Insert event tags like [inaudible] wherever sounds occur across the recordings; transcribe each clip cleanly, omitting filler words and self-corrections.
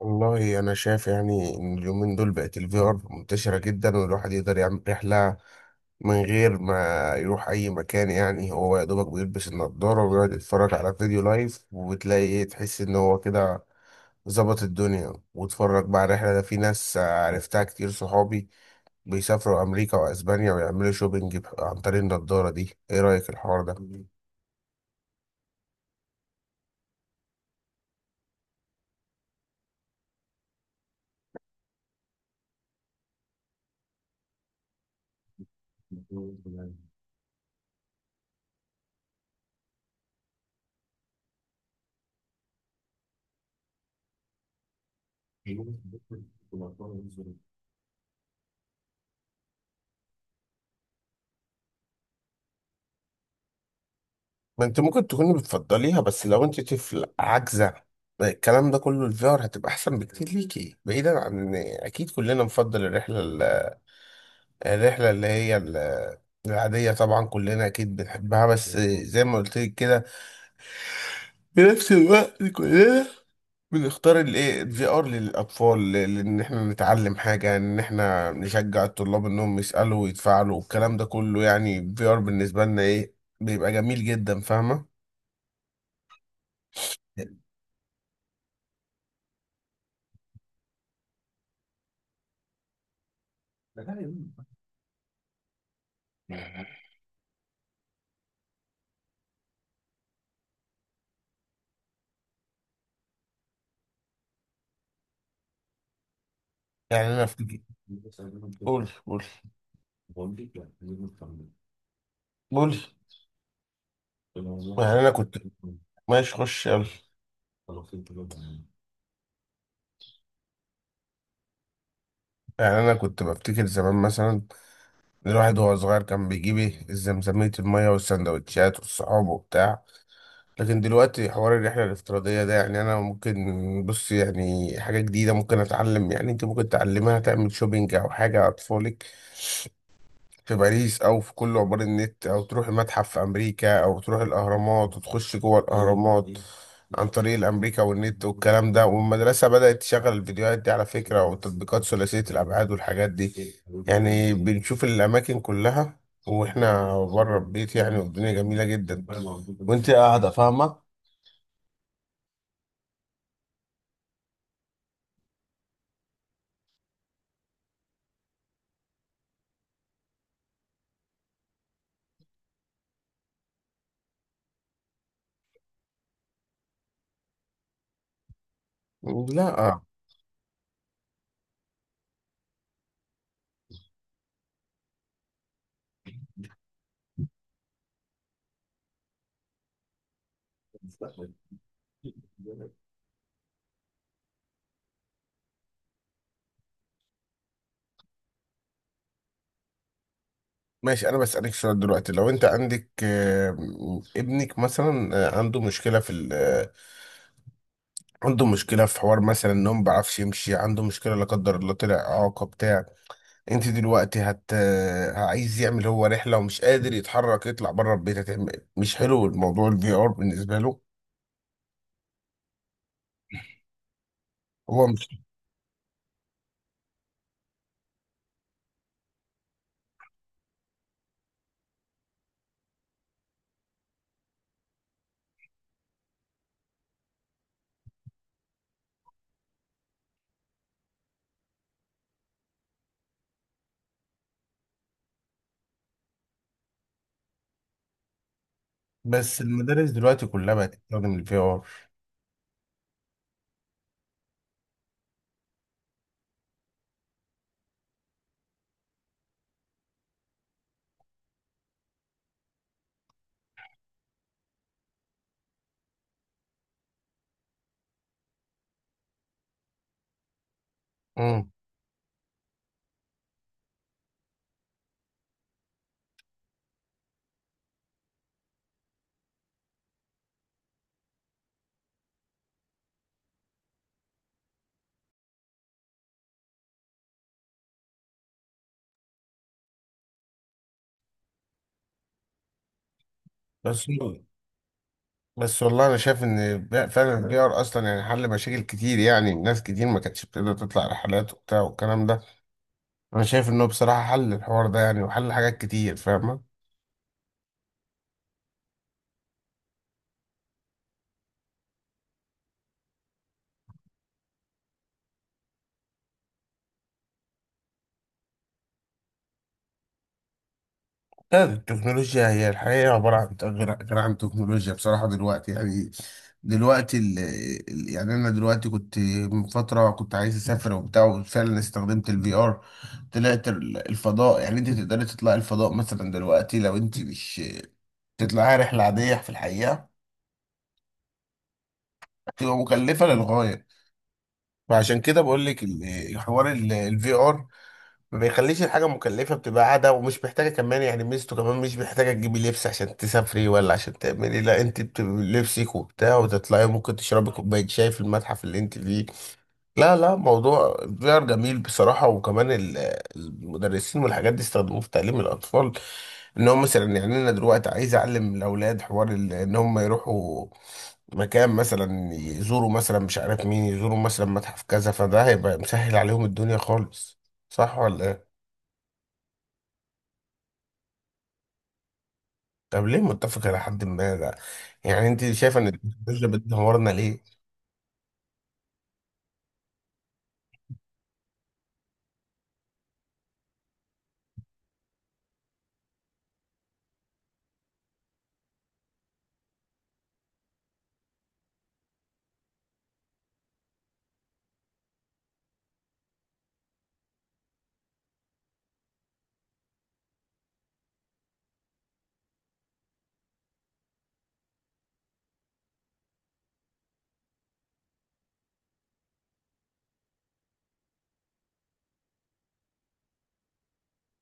والله انا شايف يعني ان اليومين دول بقت الفي ار منتشره جدا، والواحد يقدر يعمل رحله من غير ما يروح اي مكان. يعني هو يا دوبك بيلبس النضاره ويقعد يتفرج على فيديو لايف، وتلاقي ايه، تحس ان هو كده ظبط الدنيا واتفرج بقى على الرحله. ده في ناس عرفتها كتير، صحابي بيسافروا امريكا واسبانيا ويعملوا شوبينج عن طريق النضاره دي. ايه رايك الحوار ده؟ [laughs] ما انت ممكن تكوني بتفضليها، بس لو انت طفل عاجزة الكلام ده كله، الفي ار هتبقى احسن بكتير ليكي، بعيدا عن ان اكيد كلنا نفضل الرحلة ال- الرحلة اللي هي ال- العادية. طبعا كلنا اكيد بنحبها، بس زي ما قلت لك كده في نفس الوقت كلنا بنختار الايه الفي ار للاطفال، لان احنا نتعلم حاجة، ان احنا نشجع الطلاب انهم يسألوا ويتفاعلوا والكلام ده كله. يعني الفي ار بالنسبة لنا ايه، بيبقى جميل جدا، فاهمة؟ يعني انا في قول قول قول. يعني انا كنت، ماشي خش يلا. يعني انا كنت بفتكر زمان، مثلا الواحد وهو صغير كان بيجيب ايه الزمزمية، المية والسندوتشات والصحاب وبتاع. لكن دلوقتي حوار الرحلة الافتراضية ده، يعني انا ممكن بص يعني حاجة جديدة ممكن اتعلم. يعني انت ممكن تعلمها، تعمل شوبينج او حاجة، اطفالك في باريس، او في كل عبار النت، او تروح المتحف في امريكا، او تروح الاهرامات وتخش جوه الاهرامات عن طريق الامريكا والنت والكلام ده. والمدرسه بدات تشغل الفيديوهات دي على فكره، وتطبيقات ثلاثيه الابعاد والحاجات دي. يعني بنشوف الاماكن كلها واحنا بره البيت، يعني والدنيا جميله جدا وانت قاعده، فاهمه؟ لا، آه. ماشي، انا بسالك سؤال دلوقتي. لو انت عندك ابنك مثلا، عنده مشكله في عنده مشكله في حوار، مثلا ان هو ما بيعرفش يمشي، عنده مشكله لا قدر الله طلع اعاقه بتاع. انت دلوقتي عايز يعمل هو رحله ومش قادر يتحرك يطلع بره البيت، هتعمل مش حلو الموضوع الفي ار بالنسبه له؟ هو مش، بس المدارس دلوقتي كلها بقت تستخدم الفي ار. امم بس بس والله انا شايف ان فعلا الفي ار اصلا يعني حل مشاكل كتير، يعني ناس كتير ما كانتش بتقدر تطلع رحلات وبتاع والكلام ده. انا شايف انه بصراحه حل الحوار ده، يعني وحل حاجات كتير، فاهمه؟ لا، التكنولوجيا هي الحقيقة عبارة عن غير عن تكنولوجيا بصراحة دلوقتي. يعني دلوقتي يعني أنا دلوقتي كنت من فترة، كنت عايز أسافر وبتاع وفعلا استخدمت الفي آر. طلعت الفضاء. يعني أنت تقدري تطلعي الفضاء مثلا دلوقتي، لو أنت مش تطلعي رحلة عادية في الحقيقة تبقى مكلفة للغاية. فعشان كده بقول لك حوار الفي آر ما بيخليش الحاجة مكلفة، بتبقى قاعدة ومش محتاجة كمان. يعني ميزته كمان مش محتاجة تجيبي لبس عشان تسافري ولا عشان تعملي، لا انت بتبقي لبسك وبتاع وتطلعي، ممكن تشربي كوباية شاي في المتحف اللي انت فيه. لا لا، موضوع VR جميل بصراحة. وكمان المدرسين والحاجات دي استخدموه في تعليم الأطفال، ان هم مثلا، يعني انا دلوقتي عايز اعلم الاولاد حوار ان هم يروحوا مكان، مثلا يزوروا مثلا مش عارف مين، يزوروا مثلا متحف كذا، فده هيبقى مسهل عليهم الدنيا خالص، صح ولا؟ طب ليه متفق إلى حد ما ده؟ يعني أنت شايفة إن التكنولوجيا بتدمرنا ليه؟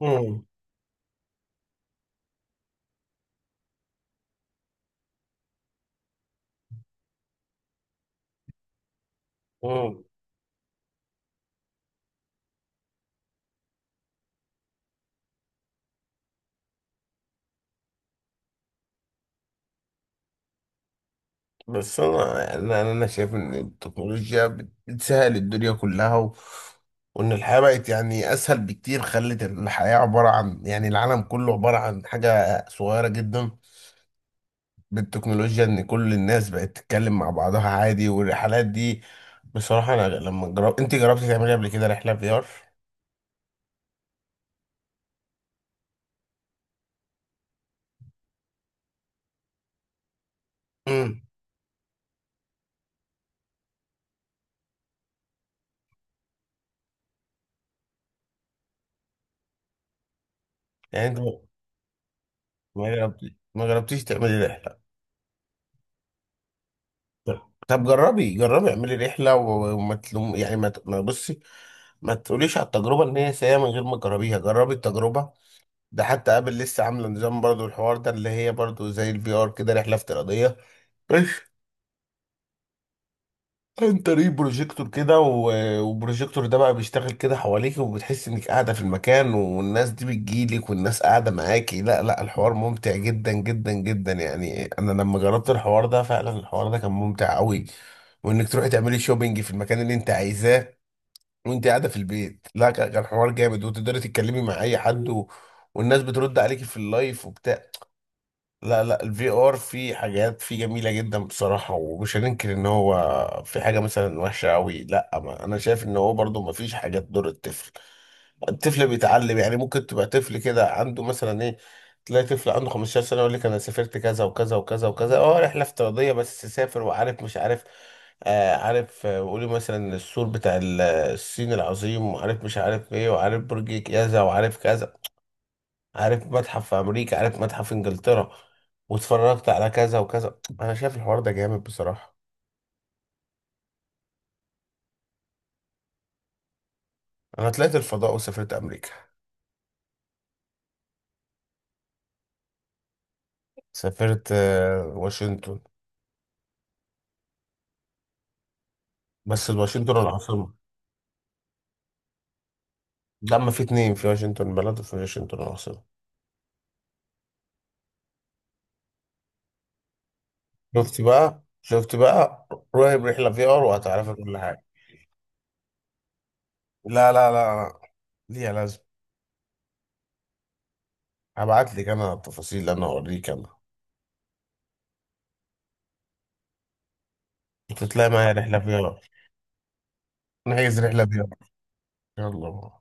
مم. مم. بس أنا، يعني أنا شايف إن التكنولوجيا بتسهل الدنيا كلها، و... وإن الحياة بقت يعني أسهل بكتير، خلت الحياة عبارة عن، يعني العالم كله عبارة عن حاجة صغيرة جدا بالتكنولوجيا، إن كل الناس بقت تتكلم مع بعضها عادي، والرحلات دي بصراحة. أنا لما جرب، أنت جربتي تعملي قبل كده رحلة في آر؟ امم يعني أنت، ما جربتيش تعملي رحلة؟ طب جربي جربي اعملي رحلة، وما تلوم، يعني ما بصي، ما تقوليش على التجربة ان هي سيئة من غير ما تجربيها، جربي التجربة. ده حتى قابل لسه عاملة نظام برضو الحوار ده، اللي هي برضو زي الفي ار كده، رحلة افتراضية. انت ليه بروجيكتور كده، والبروجيكتور ده بقى بيشتغل كده حواليك وبتحس انك قاعده في المكان، والناس دي بتجيلك والناس قاعده معاكي. لا لا، الحوار ممتع جدا جدا جدا، يعني انا لما جربت الحوار ده فعلا الحوار ده كان ممتع قوي، وانك تروحي تعملي شوبينج في المكان اللي انت عايزاه وانت قاعده في البيت. لا، كان حوار جامد، وتقدري تتكلمي مع اي حد، و... والناس بترد عليكي في اللايف وبتاع. لا لا، الفي ار فيه حاجات فيه جميله جدا بصراحه، ومش هننكر ان هو في حاجه مثلا وحشه قوي. لا، ما انا شايف ان هو برضو ما فيش حاجه تضر الطفل. الطفل بيتعلم، يعني ممكن تبقى طفل كده عنده مثلا ايه، تلاقي طفل عنده 15 سنه يقول لك انا سافرت كذا وكذا وكذا وكذا. اه، رحله افتراضيه بس سافر وعارف مش عارف. آه عارف. وقولي مثلا السور بتاع الصين العظيم، وعارف مش عارف ايه، وعارف برج كذا، وعارف كذا، عارف متحف في امريكا، عارف متحف في انجلترا، واتفرجت على كذا وكذا. انا شايف الحوار ده جامد بصراحة. انا طلعت الفضاء وسافرت امريكا. سافرت واشنطن. بس واشنطن العاصمة. ده ما في اتنين، في واشنطن بلد وفي واشنطن العاصمة. شفت بقى شفت بقى، روحي برحلة في ار وهتعرفي كل حاجة. لا لا لا لا، ليها لازم. هبعت لك انا التفاصيل، انا اوريك انا. تطلعي معايا رحلة في ار. نحجز رحلة في ار. يلا.